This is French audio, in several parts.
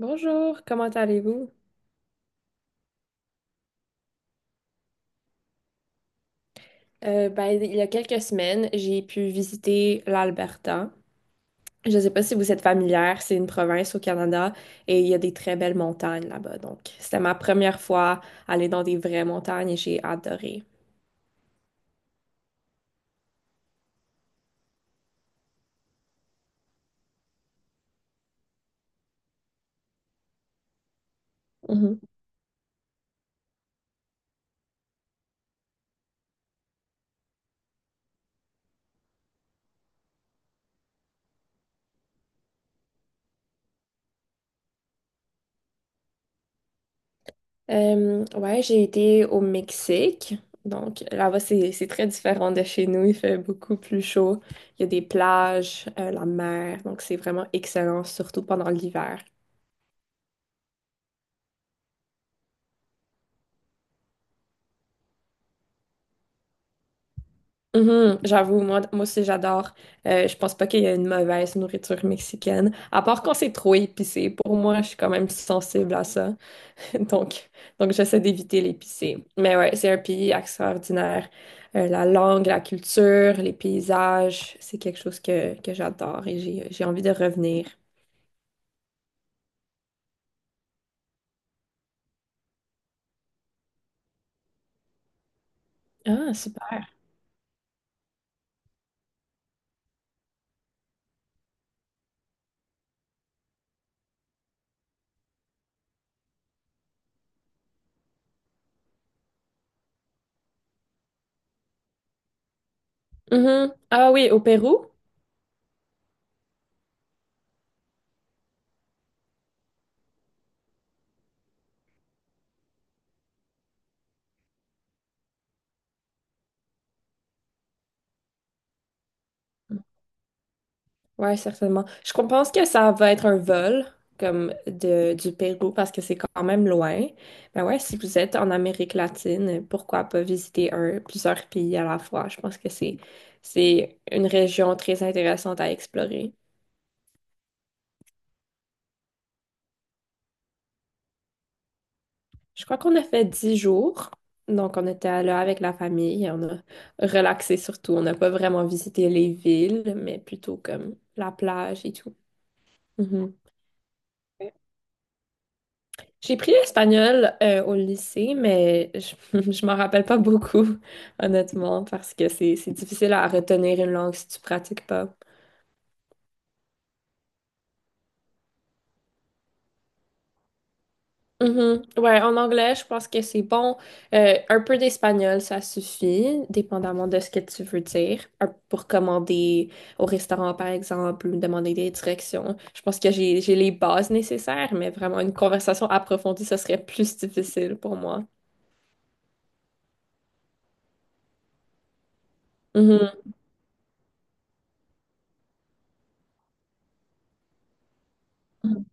Bonjour, comment allez-vous? Ben, il y a quelques semaines, j'ai pu visiter l'Alberta. Je ne sais pas si vous êtes familière, c'est une province au Canada et il y a des très belles montagnes là-bas. Donc, c'était ma première fois aller dans des vraies montagnes et j'ai adoré. Mhm. Ouais, j'ai été au Mexique. Donc, là-bas, c'est très différent de chez nous. Il fait beaucoup plus chaud. Il y a des plages, la mer. Donc, c'est vraiment excellent, surtout pendant l'hiver. Mhm, j'avoue, moi aussi j'adore. Je pense pas qu'il y a une mauvaise nourriture mexicaine, à part quand c'est trop épicé. Pour moi, je suis quand même sensible à ça. Donc, donc j'essaie d'éviter l'épicé. Mais ouais, c'est un pays extraordinaire. La langue, la culture, les paysages, c'est quelque chose que j'adore et j'ai envie de revenir. Ah, super. Mhm. Ah oui, au Pérou? Ouais, certainement. Je pense que ça va être un vol comme du Pérou parce que c'est quand même loin. Mais ouais, si vous êtes en Amérique latine, pourquoi pas visiter plusieurs pays à la fois? Je pense que c'est une région très intéressante à explorer. Je crois qu'on a fait 10 jours. Donc, on était là avec la famille, on a relaxé surtout. On n'a pas vraiment visité les villes, mais plutôt comme la plage et tout. Mhm. J'ai pris l'espagnol au lycée, mais je m'en rappelle pas beaucoup, honnêtement, parce que c'est difficile à retenir une langue si tu pratiques pas. Mhm. Ouais, en anglais, je pense que c'est bon. Un peu d'espagnol, ça suffit, dépendamment de ce que tu veux dire. Pour commander au restaurant, par exemple, ou demander des directions. Je pense que j'ai les bases nécessaires, mais vraiment une conversation approfondie, ce serait plus difficile pour moi. Mhm. Mhm.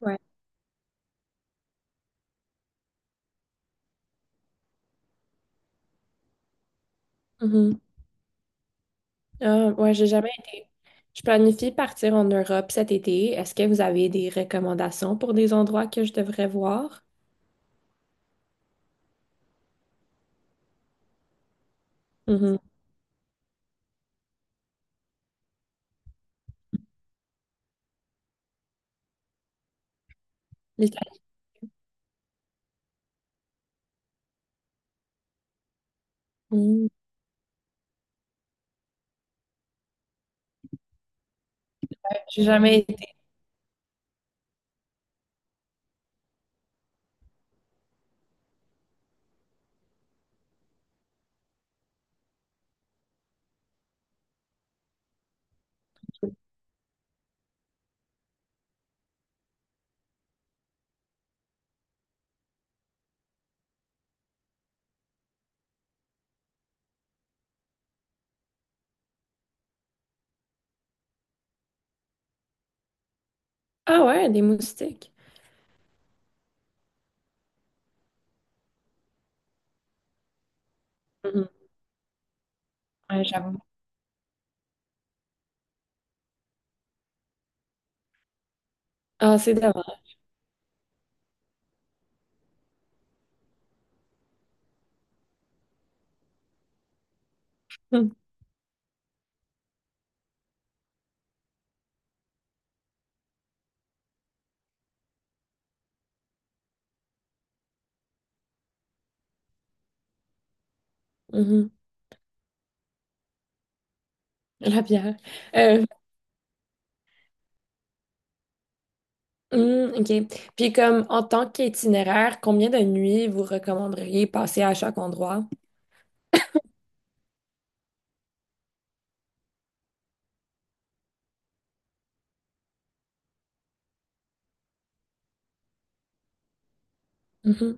Ouais. Ah, ouais, j'ai jamais été. Je planifie partir en Europe cet été. Est-ce que vous avez des recommandations pour des endroits que je devrais voir? Mhm. L'Italie. Mhm. J'ai jamais été. Ah ouais, des moustiques. Mhm. Ouais, j'avoue. Ah, c'est dommage. Mhm. Mhm. La bière. Euh, mhm, OK. Puis comme en tant qu'itinéraire, combien de nuits vous recommanderiez passer à chaque endroit? Mhm.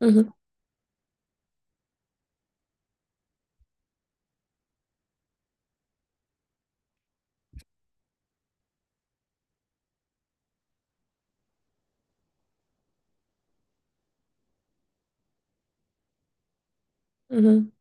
Mhm. Mhm.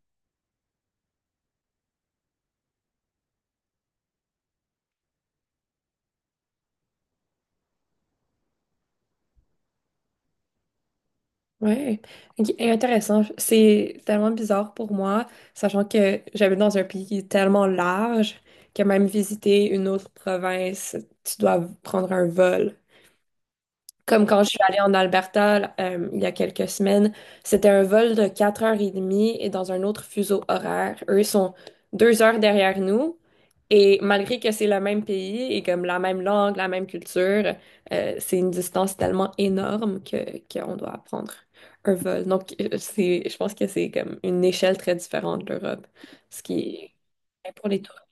Ouais, OK, intéressant. C'est tellement bizarre pour moi, sachant que j'habite dans un pays tellement large que même visiter une autre province, tu dois prendre un vol. Comme quand je suis allée en Alberta il y a quelques semaines, c'était un vol de 4h30 et dans un autre fuseau horaire. Eux sont 2 heures derrière nous et malgré que c'est le même pays et comme la même langue, la même culture, c'est une distance tellement énorme que qu'on doit apprendre un vol. Donc je pense que c'est comme une échelle très différente de l'Europe, ce qui est pour les touristes.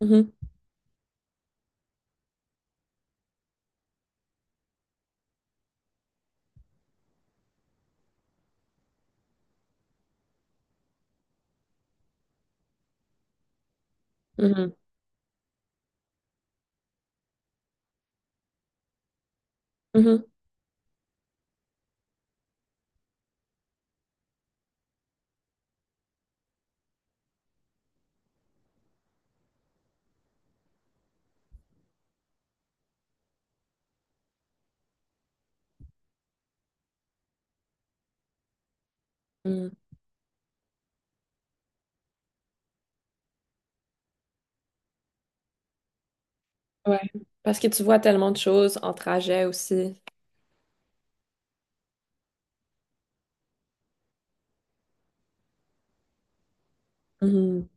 Mhm, mhm, mhm, mhm. Ouais. Parce que tu vois tellement de choses en trajet aussi. Mhm.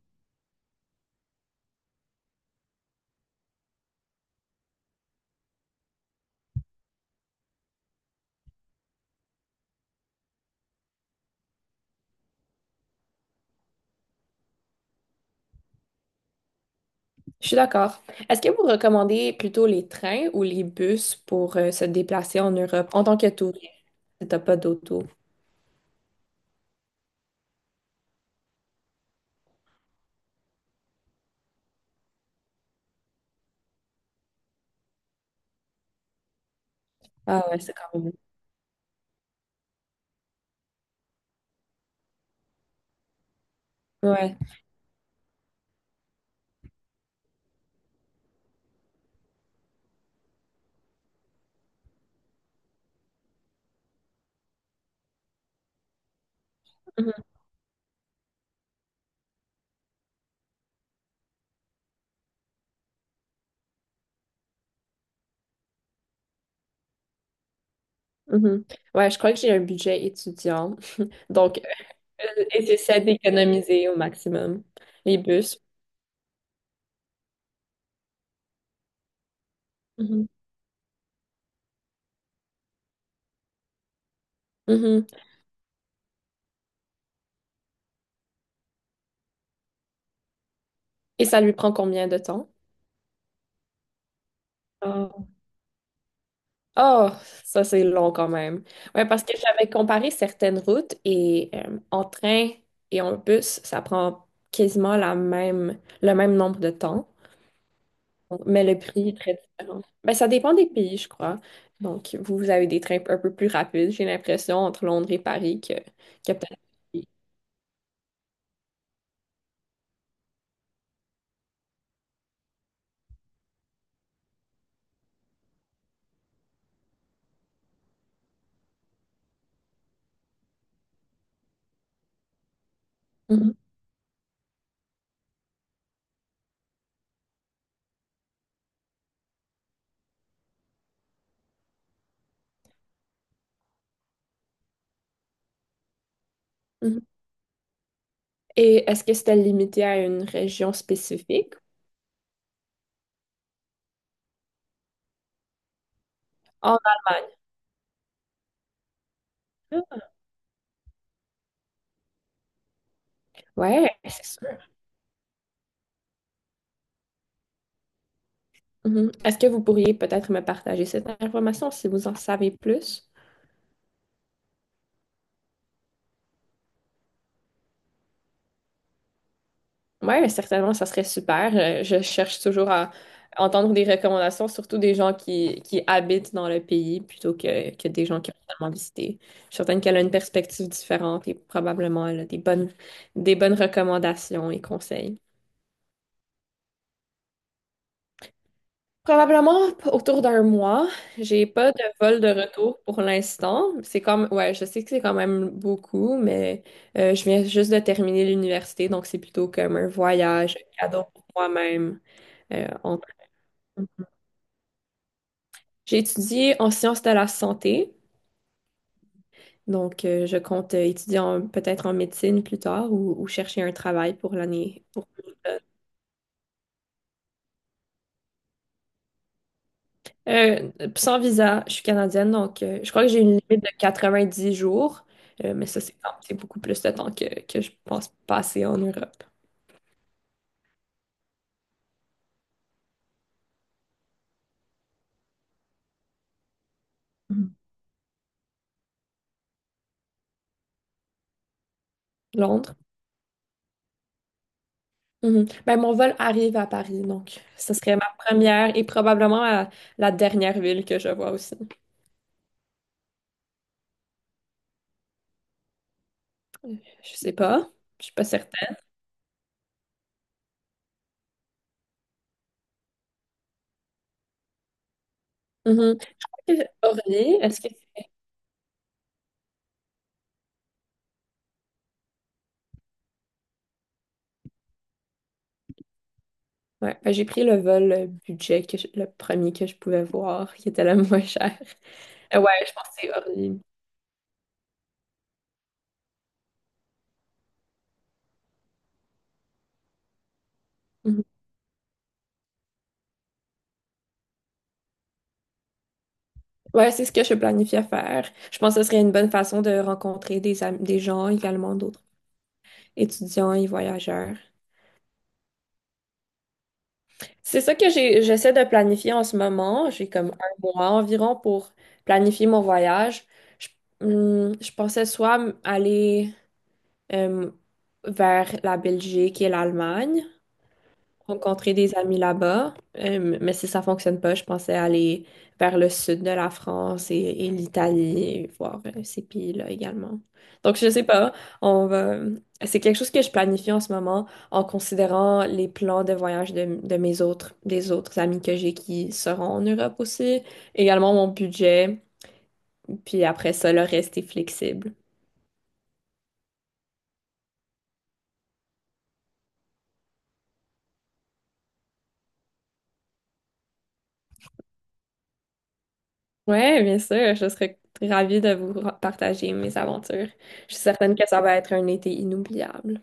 Je suis d'accord. Est-ce que vous recommandez plutôt les trains ou les bus pour se déplacer en Europe en tant que touriste si t'as pas d'auto? Ah ouais, c'est quand même. Ouais. Mhm, mhm. Ouais, je crois que j'ai un budget étudiant. Donc, et j'essaie d'économiser au maximum les bus. Mhm, mhm. Et ça lui prend combien de temps? Oh, ça c'est long quand même. Ouais, parce que j'avais comparé certaines routes et en train et en bus, ça prend quasiment le même nombre de temps, mais le prix est très différent. Ben, ça dépend des pays, je crois. Donc, vous, vous avez des trains un peu plus rapides, j'ai l'impression, entre Londres et Paris que, peut-être. Mhm, mhm. Et est-ce que c'était limité à une région spécifique? En Allemagne. Ouais, c'est sûr. Mhm. Est-ce que vous pourriez peut-être me partager cette information si vous en savez plus? Ouais, certainement, ça serait super. Je cherche toujours à entendre des recommandations, surtout des gens qui habitent dans le pays plutôt que des gens qui ont seulement visité. Je suis certaine qu'elle a une perspective différente et probablement elle a des bonnes recommandations et conseils. Probablement autour d'un mois. J'ai pas de vol de retour pour l'instant. C'est comme, ouais, je sais que c'est quand même beaucoup, mais je viens juste de terminer l'université, donc c'est plutôt comme un voyage, un cadeau pour moi-même. euh, en- J'ai étudié en sciences de la santé, donc je compte étudier peut-être en médecine plus tard ou, chercher un travail pour l'année. Sans visa, je suis canadienne, donc je crois que j'ai une limite de 90 jours, mais ça, c'est beaucoup plus de temps que je pense passer en Europe. Mhm. Londres. Mhm. Ben, mon vol arrive à Paris, donc ce serait ma première et probablement la dernière ville que je vois aussi. Euh, Je sais pas, je suis pas certaine. Mhm. Orly, est-ce que. Ouais, ben, j'ai pris le vol budget, le premier que je pouvais voir, qui était le moins cher. Ouais, je pense que c'est hors ligne. Mhm. Ouais, c'est ce que je planifiais faire. Je pense que ce serait une bonne façon de rencontrer des gens également, d'autres étudiants et voyageurs. C'est ça que j'essaie de planifier en ce moment. J'ai comme un mois environ pour planifier mon voyage. Je, je pensais soit aller euh, vers la Belgique et l'Allemagne rencontrer des amis là-bas. Mais si ça fonctionne pas, je pensais aller vers le sud de la France et, l'Italie et voir ces pays-là également. Donc, je sais pas, on va. C'est quelque chose que je planifie en ce moment en considérant les plans de voyage de des autres amis que j'ai qui seront en Europe aussi, également mon budget, puis après ça, le reste est flexible. Ouais, bien sûr, je serais ravie de vous partager mes aventures. Je suis certaine que ça va être un été inoubliable.